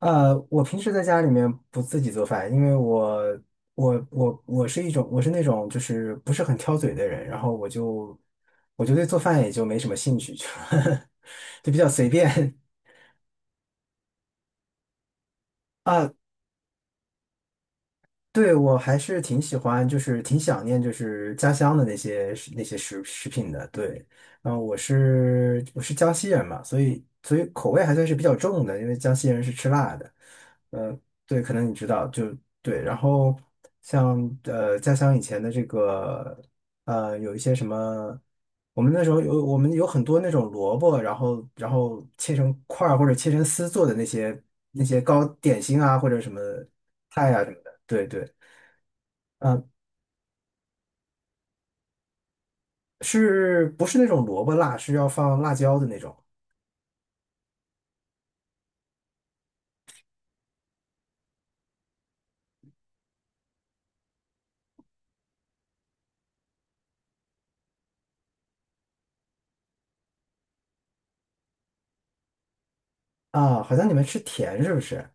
我平时在家里面不自己做饭，因为我是那种就是不是很挑嘴的人，然后我就对做饭也就没什么兴趣，就 就比较随便啊。对，我还是挺喜欢，就是挺想念，就是家乡的那些食品的。对，然后我是江西人嘛，所以口味还算是比较重的，因为江西人是吃辣的。呃，对，可能你知道，就对。然后像家乡以前的这个有一些什么，我们有很多那种萝卜，然后切成块儿或者切成丝做的那些糕点心啊或者什么菜啊什么的。对对，嗯，是不是那种萝卜辣，是要放辣椒的那种？啊？好像你们吃甜是不是？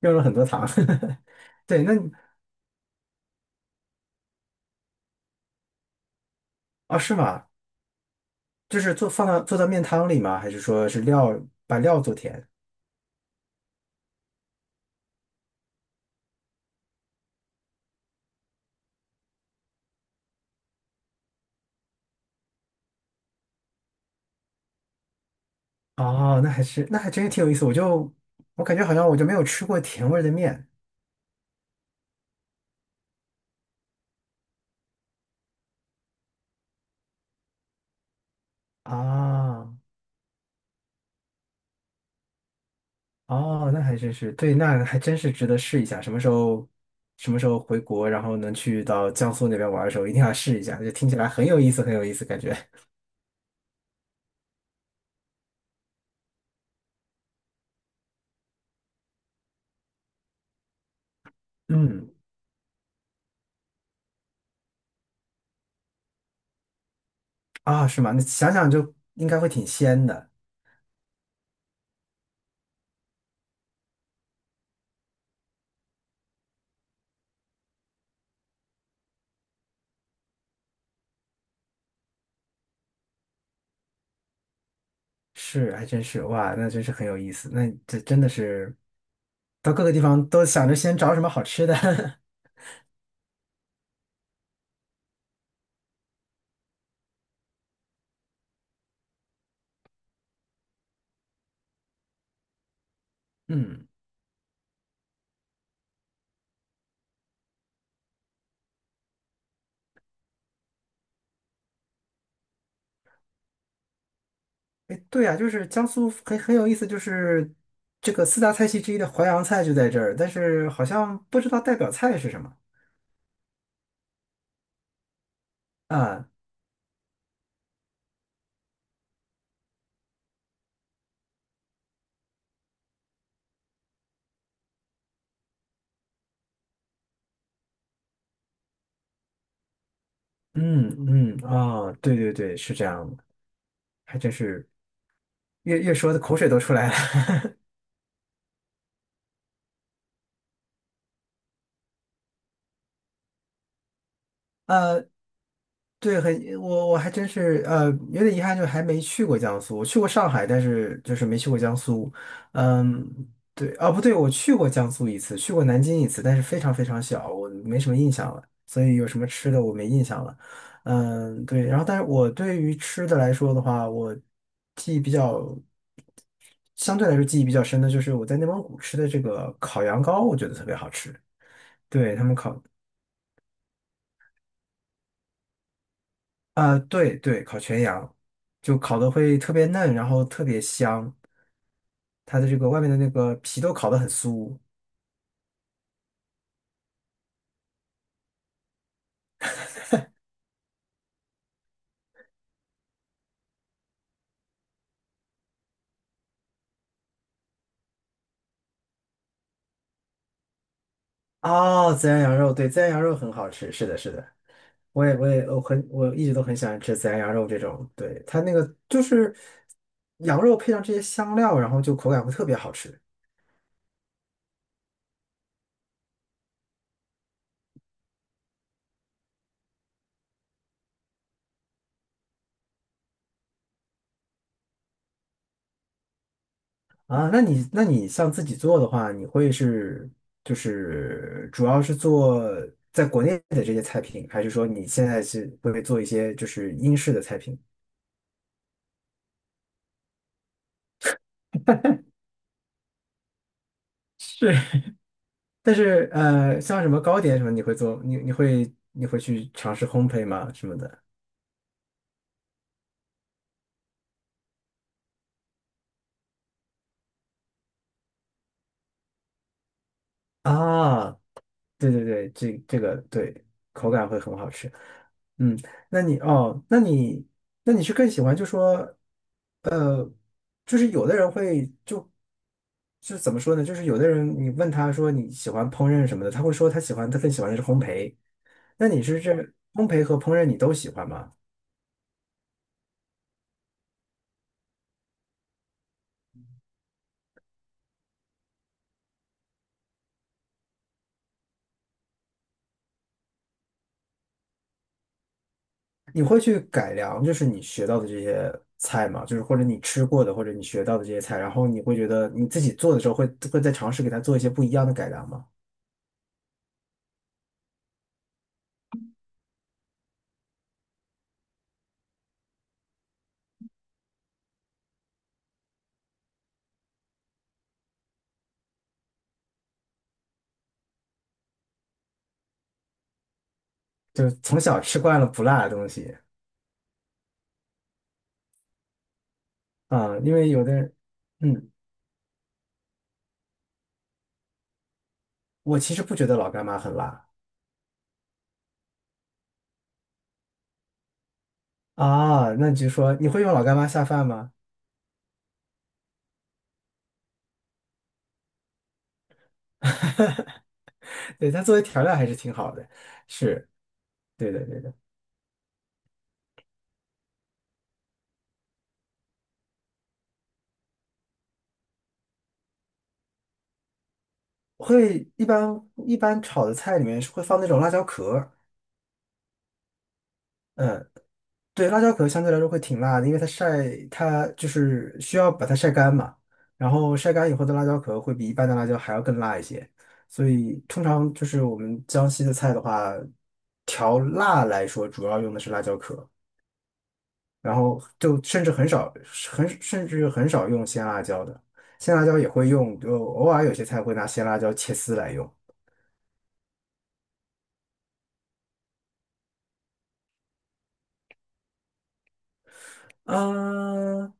用了很多糖。对，啊，是吗？就是做做到面汤里吗？还是说把料做甜？哦，那还真是挺有意思。我感觉好像我就没有吃过甜味儿的面啊。哦，那还真是对。那还真是值得试一下。什么时候回国，然后能去到江苏那边玩的时候，一定要试一下。就听起来很有意思，很有意思，感觉。嗯，啊，是吗？那想想就应该会挺鲜的。是，还真是，哇，那真是很有意思。那这真的是到各个地方都想着先找什么好吃的。嗯，哎，对啊，就是江苏很有意思，就是这个四大菜系之一的淮扬菜就在这儿，但是好像不知道代表菜是什么啊。嗯嗯，哦，对对对，是这样的，还真是越说的口水都出来了。呃。对，我还真是，有点遗憾，就还没去过江苏。我去过上海，但是就是没去过江苏。嗯，对，哦，不对，我去过江苏一次，去过南京一次，但是非常非常小，我没什么印象了。所以有什么吃的我没印象了。嗯，对，然后但是我对于吃的来说的话，我记忆比较，相对来说记忆比较深的就是我在内蒙古吃的这个烤羊羔，我觉得特别好吃。对，他们烤。啊，对对，烤全羊，就烤的会特别嫩，然后特别香，它的这个外面的那个皮都烤得很酥。哦，孜然羊肉，对，孜然羊肉很好吃，是的，是的，我一直都很喜欢吃孜然羊肉这种，对，它那个就是羊肉配上这些香料，然后就口感会特别好吃啊。那你像自己做的话，你会是就是主要是做在国内的这些菜品，还是说你现在是会做一些就是英式的菜品？是，但是像什么糕点什么，你会做？你会去尝试烘焙吗？什么的？啊，对对对，这个对，口感会很好吃。嗯，哦，那你是更喜欢就说呃，就是有的人会就怎么说呢？就是有的人你问他说你喜欢烹饪什么的，他会说他更喜欢的是烘焙。那你是这烘焙和烹饪你都喜欢吗？你会去改良，就是你学到的这些菜嘛，就是或者你吃过的，或者你学到的这些菜，然后你会觉得你自己做的时候会再尝试给它做一些不一样的改良吗？就是从小吃惯了不辣的东西啊，因为有的人，嗯，我其实不觉得老干妈很辣啊，那你就说你会用老干妈下饭吗？对，它作为调料还是挺好的，是，对的，对的，会一般炒的菜里面是会放那种辣椒壳儿嗯。对，辣椒壳相对来说会挺辣的，因为它就是需要把它晒干嘛，然后晒干以后的辣椒壳会比一般的辣椒还要更辣一些，所以通常就是我们江西的菜的话，调辣来说主要用的是辣椒壳，然后就甚至很少用鲜辣椒的，鲜辣椒也会用，就偶尔有些菜会拿鲜辣椒切丝来用。嗯，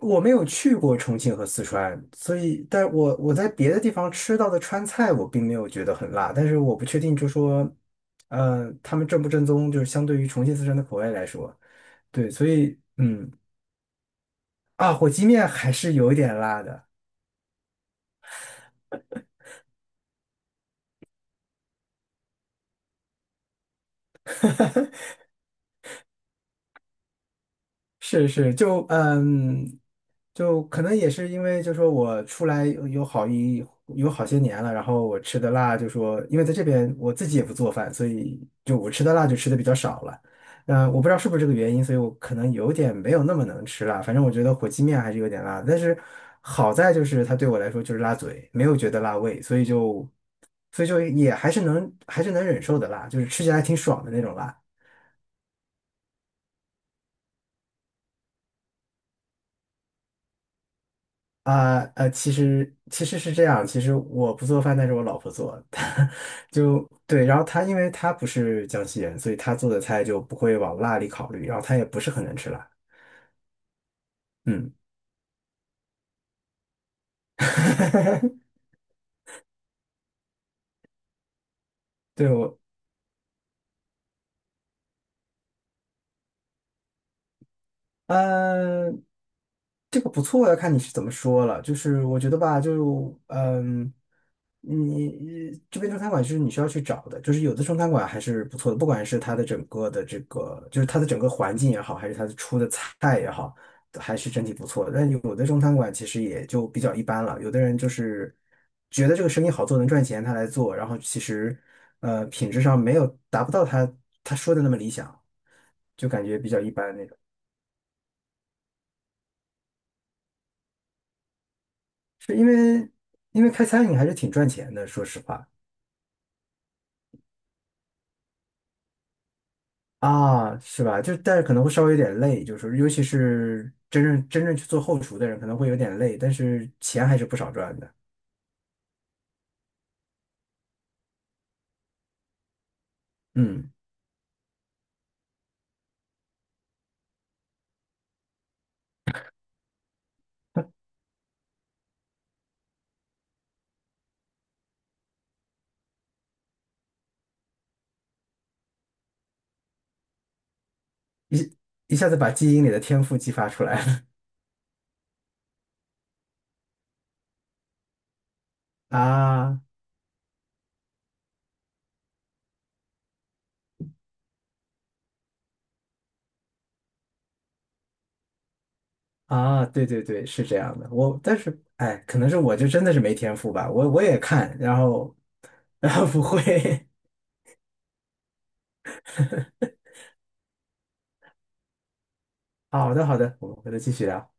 我没有去过重庆和四川，所以，但我在别的地方吃到的川菜，我并没有觉得很辣，但是我不确定，就说，他们正不正宗，就是相对于重庆、四川的口味来说，对，所以，嗯，啊，火鸡面还是有一点辣的，是是，就嗯，就可能也是因为，就说我出来有好些年了，然后我吃的辣，就说因为在这边我自己也不做饭，所以就我吃的辣就吃的比较少了。嗯、我不知道是不是这个原因，所以我可能有点没有那么能吃辣。反正我觉得火鸡面还是有点辣，但是好在就是它对我来说就是辣嘴，没有觉得辣胃，所以就也还是能忍受的辣，就是吃起来还挺爽的那种辣。其实是这样，其实我不做饭，但是我老婆做，她就对，然后她因为她不是江西人，所以她做的菜就不会往辣里考虑，然后她也不是很能吃辣，嗯，对我。嗯，这个不错，要看你是怎么说了。就是我觉得吧，就你这边中餐馆是你需要去找的，就是有的中餐馆还是不错的，不管是它的整个的这个，就是它的整个环境也好，还是它的出的菜也好，还是整体不错的。但有的中餐馆其实也就比较一般了，有的人就是觉得这个生意好做，能赚钱，他来做，然后其实品质上没有达不到他说的那么理想，就感觉比较一般那种。是因为开餐饮还是挺赚钱的，说实话啊，是吧？就但是可能会稍微有点累，就是尤其是真正去做后厨的人，可能会有点累，但是钱还是不少赚的。嗯，一一下子把基因里的天赋激发出来了。 啊啊！对对对，是这样的。我但是哎，可能是我就真的是没天赋吧，我也看，然后 然后不会。好的好的，我们回头继续聊。